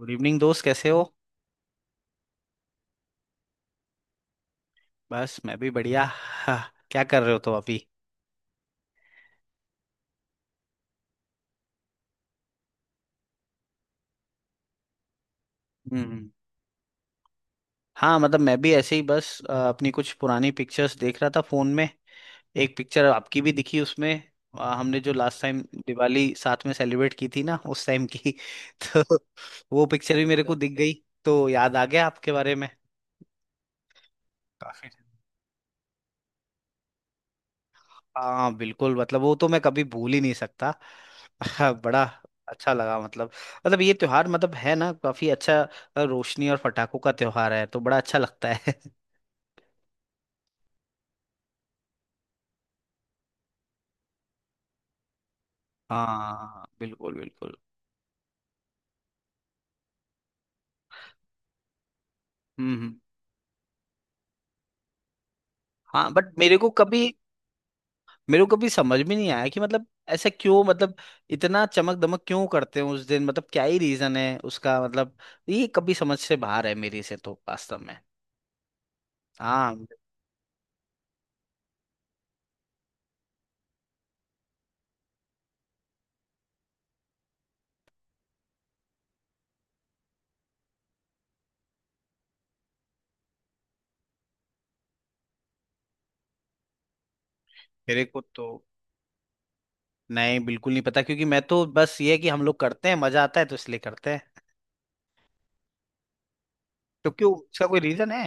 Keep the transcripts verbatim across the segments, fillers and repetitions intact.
Good evening दोस्त, कैसे हो? बस मैं भी बढ़िया। हाँ, क्या कर रहे हो तो अभी? हम्म। हाँ मतलब मैं भी ऐसे ही बस अ, अपनी कुछ पुरानी पिक्चर्स देख रहा था फोन में। एक पिक्चर आपकी भी दिखी उसमें। अ, हमने जो लास्ट टाइम दिवाली साथ में सेलिब्रेट की थी ना, उस टाइम की। तो वो पिक्चर भी मेरे को दिख गई। तो याद आ गया आपके बारे में। काफी। हाँ बिल्कुल, मतलब वो तो मैं कभी भूल ही नहीं सकता। हाँ बड़ा अच्छा लगा मतलब। मतलब ये त्योहार मतलब है ना काफी अच्छा। अ, रोशनी और पटाखों का त्योहार है, तो बड़ा अच्छा लगता है। हाँ बिल्कुल बिल्कुल। हम्म हम्म। हाँ बट मेरे को कभी मेरे को कभी समझ में नहीं आया कि मतलब ऐसा क्यों। मतलब इतना चमक दमक क्यों करते हैं उस दिन? मतलब क्या ही रीजन है उसका? मतलब ये कभी समझ से बाहर है मेरी से तो, वास्तव में। हाँ। मेरे को तो नहीं, बिल्कुल नहीं पता, क्योंकि मैं तो बस ये है कि हम लोग करते हैं, मजा आता है तो इसलिए करते हैं। तो क्यों, इसका कोई रीजन है?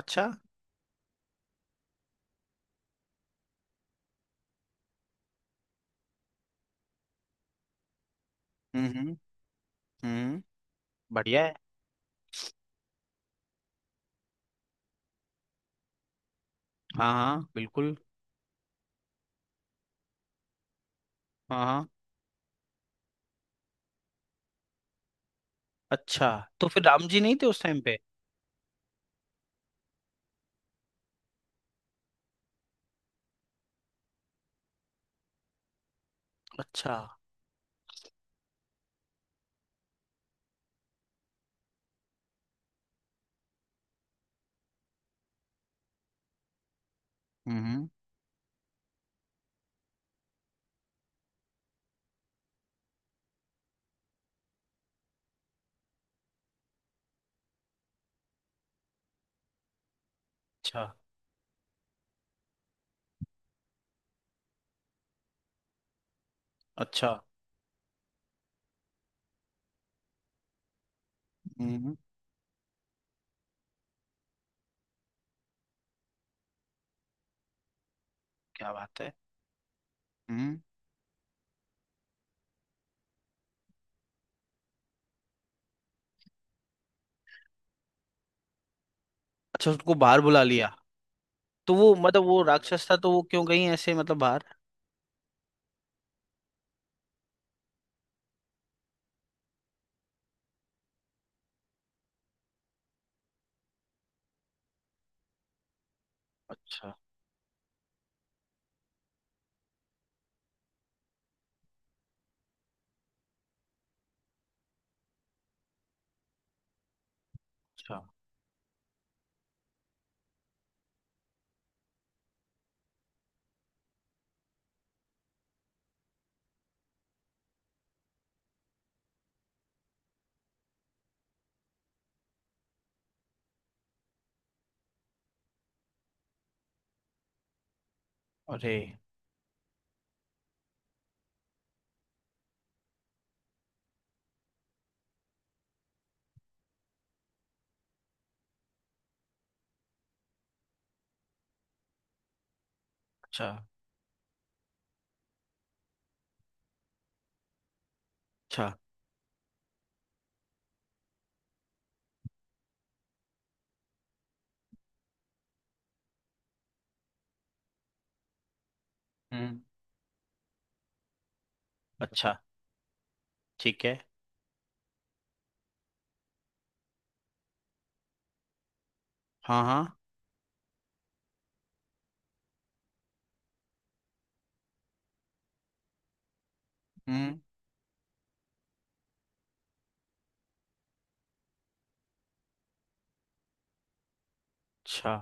अच्छा। हम्म हम्म। हम्म, बढ़िया है। हाँ हाँ बिल्कुल। हाँ हाँ। अच्छा, तो फिर राम जी नहीं थे उस टाइम पे? अच्छा। हम्म। अच्छा अच्छा। हम्म। क्या बात है। हम्म। अच्छा, उसको बाहर बुला लिया? तो वो मतलब वो राक्षस था, तो वो क्यों गई ऐसे मतलब बाहर? अच्छा अच्छा। अरे। अच्छा अच्छा। हम्म। अच्छा। ठीक है। हाँ हाँ। हम्म। अच्छा,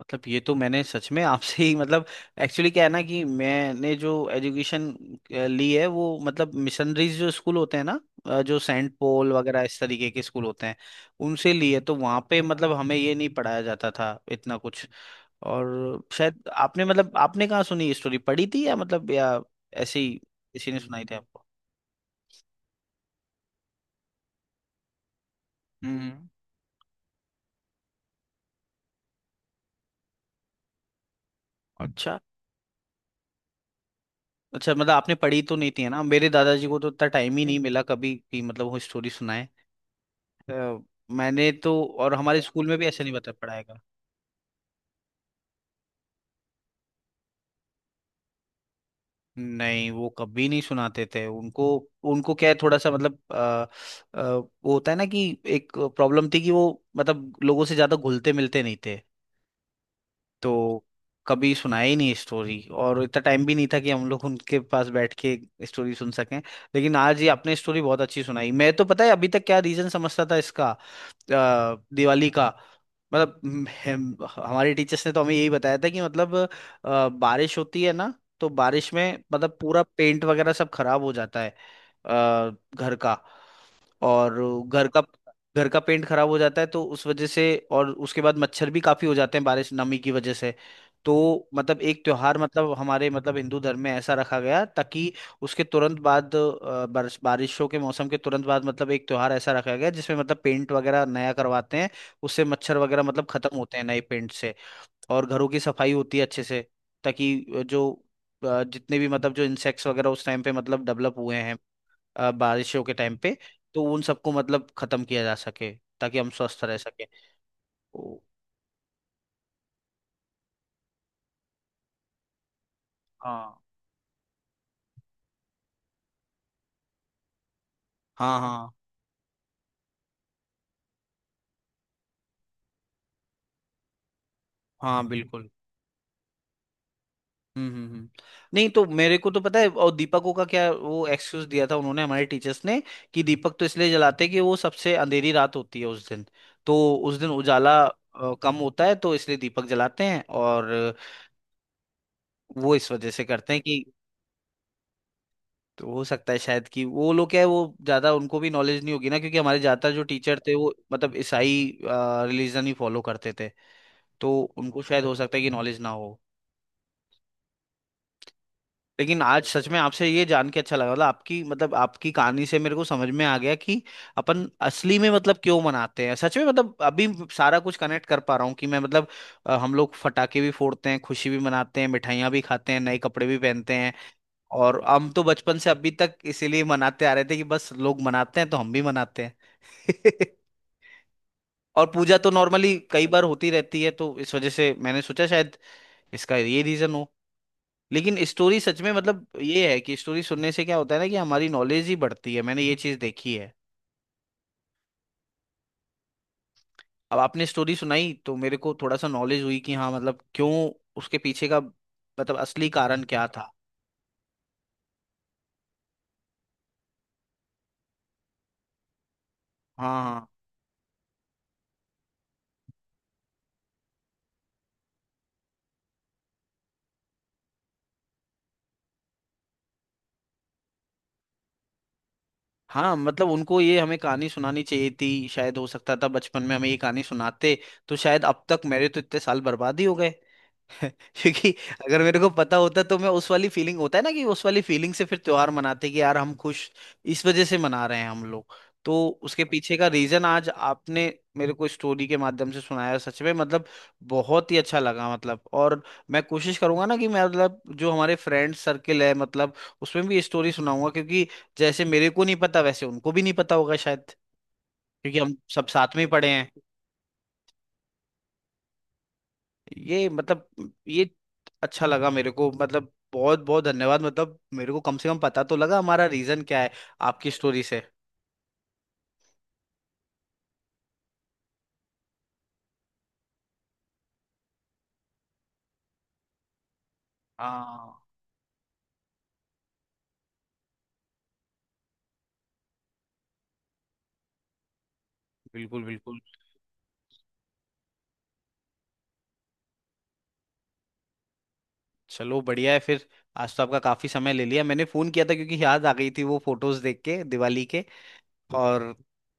मतलब ये तो मैंने सच में आपसे ही मतलब। एक्चुअली क्या है ना कि मैंने जो एजुकेशन ली है, वो मतलब मिशनरीज जो स्कूल होते हैं ना, अ, जो सेंट पॉल वगैरह इस तरीके के स्कूल होते हैं, उनसे ली है। तो वहाँ पे मतलब हमें ये नहीं पढ़ाया जाता था इतना कुछ। और शायद आपने मतलब आपने कहाँ सुनी ये स्टोरी, पढ़ी थी या मतलब, या ऐसे ही किसी ने सुनाई थी आपको? हम्म। अच्छा अच्छा मतलब आपने पढ़ी तो नहीं थी, है ना? मेरे दादाजी को तो इतना टाइम ही नहीं मिला कभी कि मतलब वो स्टोरी सुनाए। अ, मैंने तो, और हमारे स्कूल में भी ऐसे नहीं बता पढ़ाएगा। नहीं, वो कभी नहीं सुनाते थे उनको। उनको क्या है, थोड़ा सा मतलब, अ, अ, वो होता है ना कि एक प्रॉब्लम थी कि वो मतलब लोगों से ज्यादा घुलते मिलते नहीं थे। तो कभी सुनाया ही नहीं स्टोरी, और इतना टाइम भी नहीं था कि हम लोग उनके पास बैठ के स्टोरी सुन सकें। लेकिन आज ये आपने स्टोरी बहुत अच्छी सुनाई। मैं तो पता है अभी तक क्या रीजन समझता था इसका, अ, दिवाली का। मतलब हम, हम- हमारे टीचर्स ने तो हमें यही बताया था कि मतलब अ, बारिश होती है ना, तो बारिश में मतलब पूरा पेंट वगैरह सब खराब हो जाता है। अ, घर का, और घर का घर का पेंट खराब हो जाता है, तो उस वजह से। और उसके बाद मच्छर भी काफी हो जाते हैं बारिश नमी की वजह से। तो मतलब एक त्योहार, मतलब हमारे मतलब हिंदू धर्म में ऐसा रखा गया ताकि उसके तुरंत बाद अ, बारिश बारिशों के मौसम के तुरंत बाद मतलब एक त्योहार ऐसा रखा गया जिसमें मतलब पेंट वगैरह नया करवाते हैं। उससे मच्छर वगैरह मतलब खत्म होते हैं नए पेंट से। और घरों की सफाई होती है अच्छे से, ताकि जो अ, जितने भी मतलब जो इंसेक्ट्स वगैरह उस टाइम पे मतलब डेवलप हुए हैं, अ, बारिशों के टाइम पे, तो उन सबको मतलब खत्म किया जा सके, ताकि हम स्वस्थ रह सके ओ। हाँ हाँ। हाँ हाँ बिल्कुल। हम्म हम्म, हम्म। नहीं तो मेरे को तो पता है, और दीपकों का क्या वो एक्सक्यूज दिया था उन्होंने, हमारे टीचर्स ने, कि दीपक तो इसलिए जलाते हैं कि वो सबसे अंधेरी रात होती है उस दिन। तो उस दिन उजाला अ, कम होता है, तो इसलिए दीपक जलाते हैं। और वो इस वजह से करते हैं कि, तो हो सकता है शायद कि वो लोग क्या है, वो ज्यादा उनको भी नॉलेज नहीं होगी ना, क्योंकि हमारे ज्यादातर जो टीचर थे वो मतलब ईसाई रिलीजन ही फॉलो करते थे। तो उनको शायद हो सकता है कि नॉलेज ना हो। लेकिन आज सच में आपसे ये जान के अच्छा लगा, मतलब आपकी मतलब आपकी कहानी से मेरे को समझ में आ गया कि अपन असली में मतलब क्यों मनाते हैं। सच में मतलब अभी सारा कुछ कनेक्ट कर पा रहा हूँ कि मैं मतलब, अ, हम लोग फटाके भी फोड़ते हैं, खुशी भी मनाते हैं, मिठाइयाँ भी खाते हैं, नए कपड़े भी पहनते हैं। और हम तो बचपन से अभी तक इसीलिए मनाते आ रहे थे कि बस लोग मनाते हैं तो हम भी मनाते हैं। और पूजा तो नॉर्मली कई बार होती रहती है, तो इस वजह से मैंने सोचा शायद इसका ये रीजन हो। लेकिन स्टोरी सच में मतलब ये है कि स्टोरी सुनने से क्या होता है ना कि हमारी नॉलेज ही बढ़ती है, मैंने ये चीज देखी है। अब आपने स्टोरी सुनाई तो मेरे को थोड़ा सा नॉलेज हुई कि हाँ मतलब क्यों, उसके पीछे का मतलब असली कारण क्या था। हाँ हाँ हाँ, मतलब उनको, ये हमें कहानी सुनानी चाहिए थी शायद। हो सकता था बचपन में हमें ये कहानी सुनाते तो शायद, अब तक मेरे तो इतने साल बर्बाद ही हो गए, क्योंकि अगर मेरे को पता होता तो मैं उस वाली फीलिंग होता है ना कि उस वाली फीलिंग से फिर त्योहार मनाते कि यार हम खुश इस वजह से मना रहे हैं हम लोग। तो उसके पीछे का रीजन आज आपने मेरे को स्टोरी के माध्यम से सुनाया, सच में मतलब बहुत ही अच्छा लगा मतलब। और मैं कोशिश करूंगा ना कि मैं मतलब जो हमारे फ्रेंड सर्किल है मतलब, उसमें भी ये स्टोरी सुनाऊंगा, क्योंकि जैसे मेरे को नहीं पता वैसे उनको भी नहीं पता होगा शायद, क्योंकि हम सब साथ में ही पढ़े हैं। ये मतलब ये अच्छा लगा मेरे को, मतलब बहुत बहुत धन्यवाद। मतलब मेरे को कम से कम पता तो लगा हमारा रीजन क्या है, आपकी स्टोरी से। हाँ बिल्कुल बिल्कुल। चलो बढ़िया है फिर। आज तो आपका काफी समय ले लिया, मैंने फोन किया था क्योंकि याद आ गई थी, वो फोटोज देख के दिवाली के। और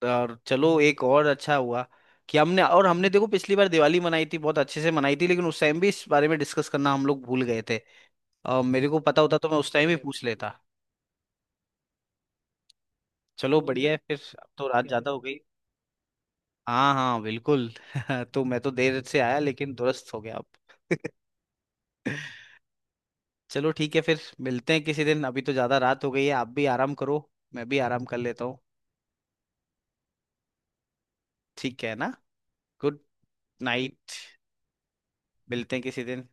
और चलो एक और अच्छा हुआ कि हमने, और हमने देखो पिछली बार दिवाली मनाई थी, बहुत अच्छे से मनाई थी, लेकिन उस टाइम भी इस बारे में डिस्कस करना हम लोग भूल गए थे। अ, मेरे को पता होता तो मैं उस टाइम ही पूछ लेता। चलो बढ़िया है फिर, अब तो रात ज्यादा हो गई। हाँ हाँ बिल्कुल। तो मैं तो देर से आया, लेकिन दुरुस्त हो गया अब। चलो ठीक है फिर, मिलते हैं किसी दिन। अभी तो ज्यादा रात हो गई है, आप भी आराम करो, मैं भी आराम कर लेता हूँ। ठीक है ना? Good night. मिलते हैं किसी दिन।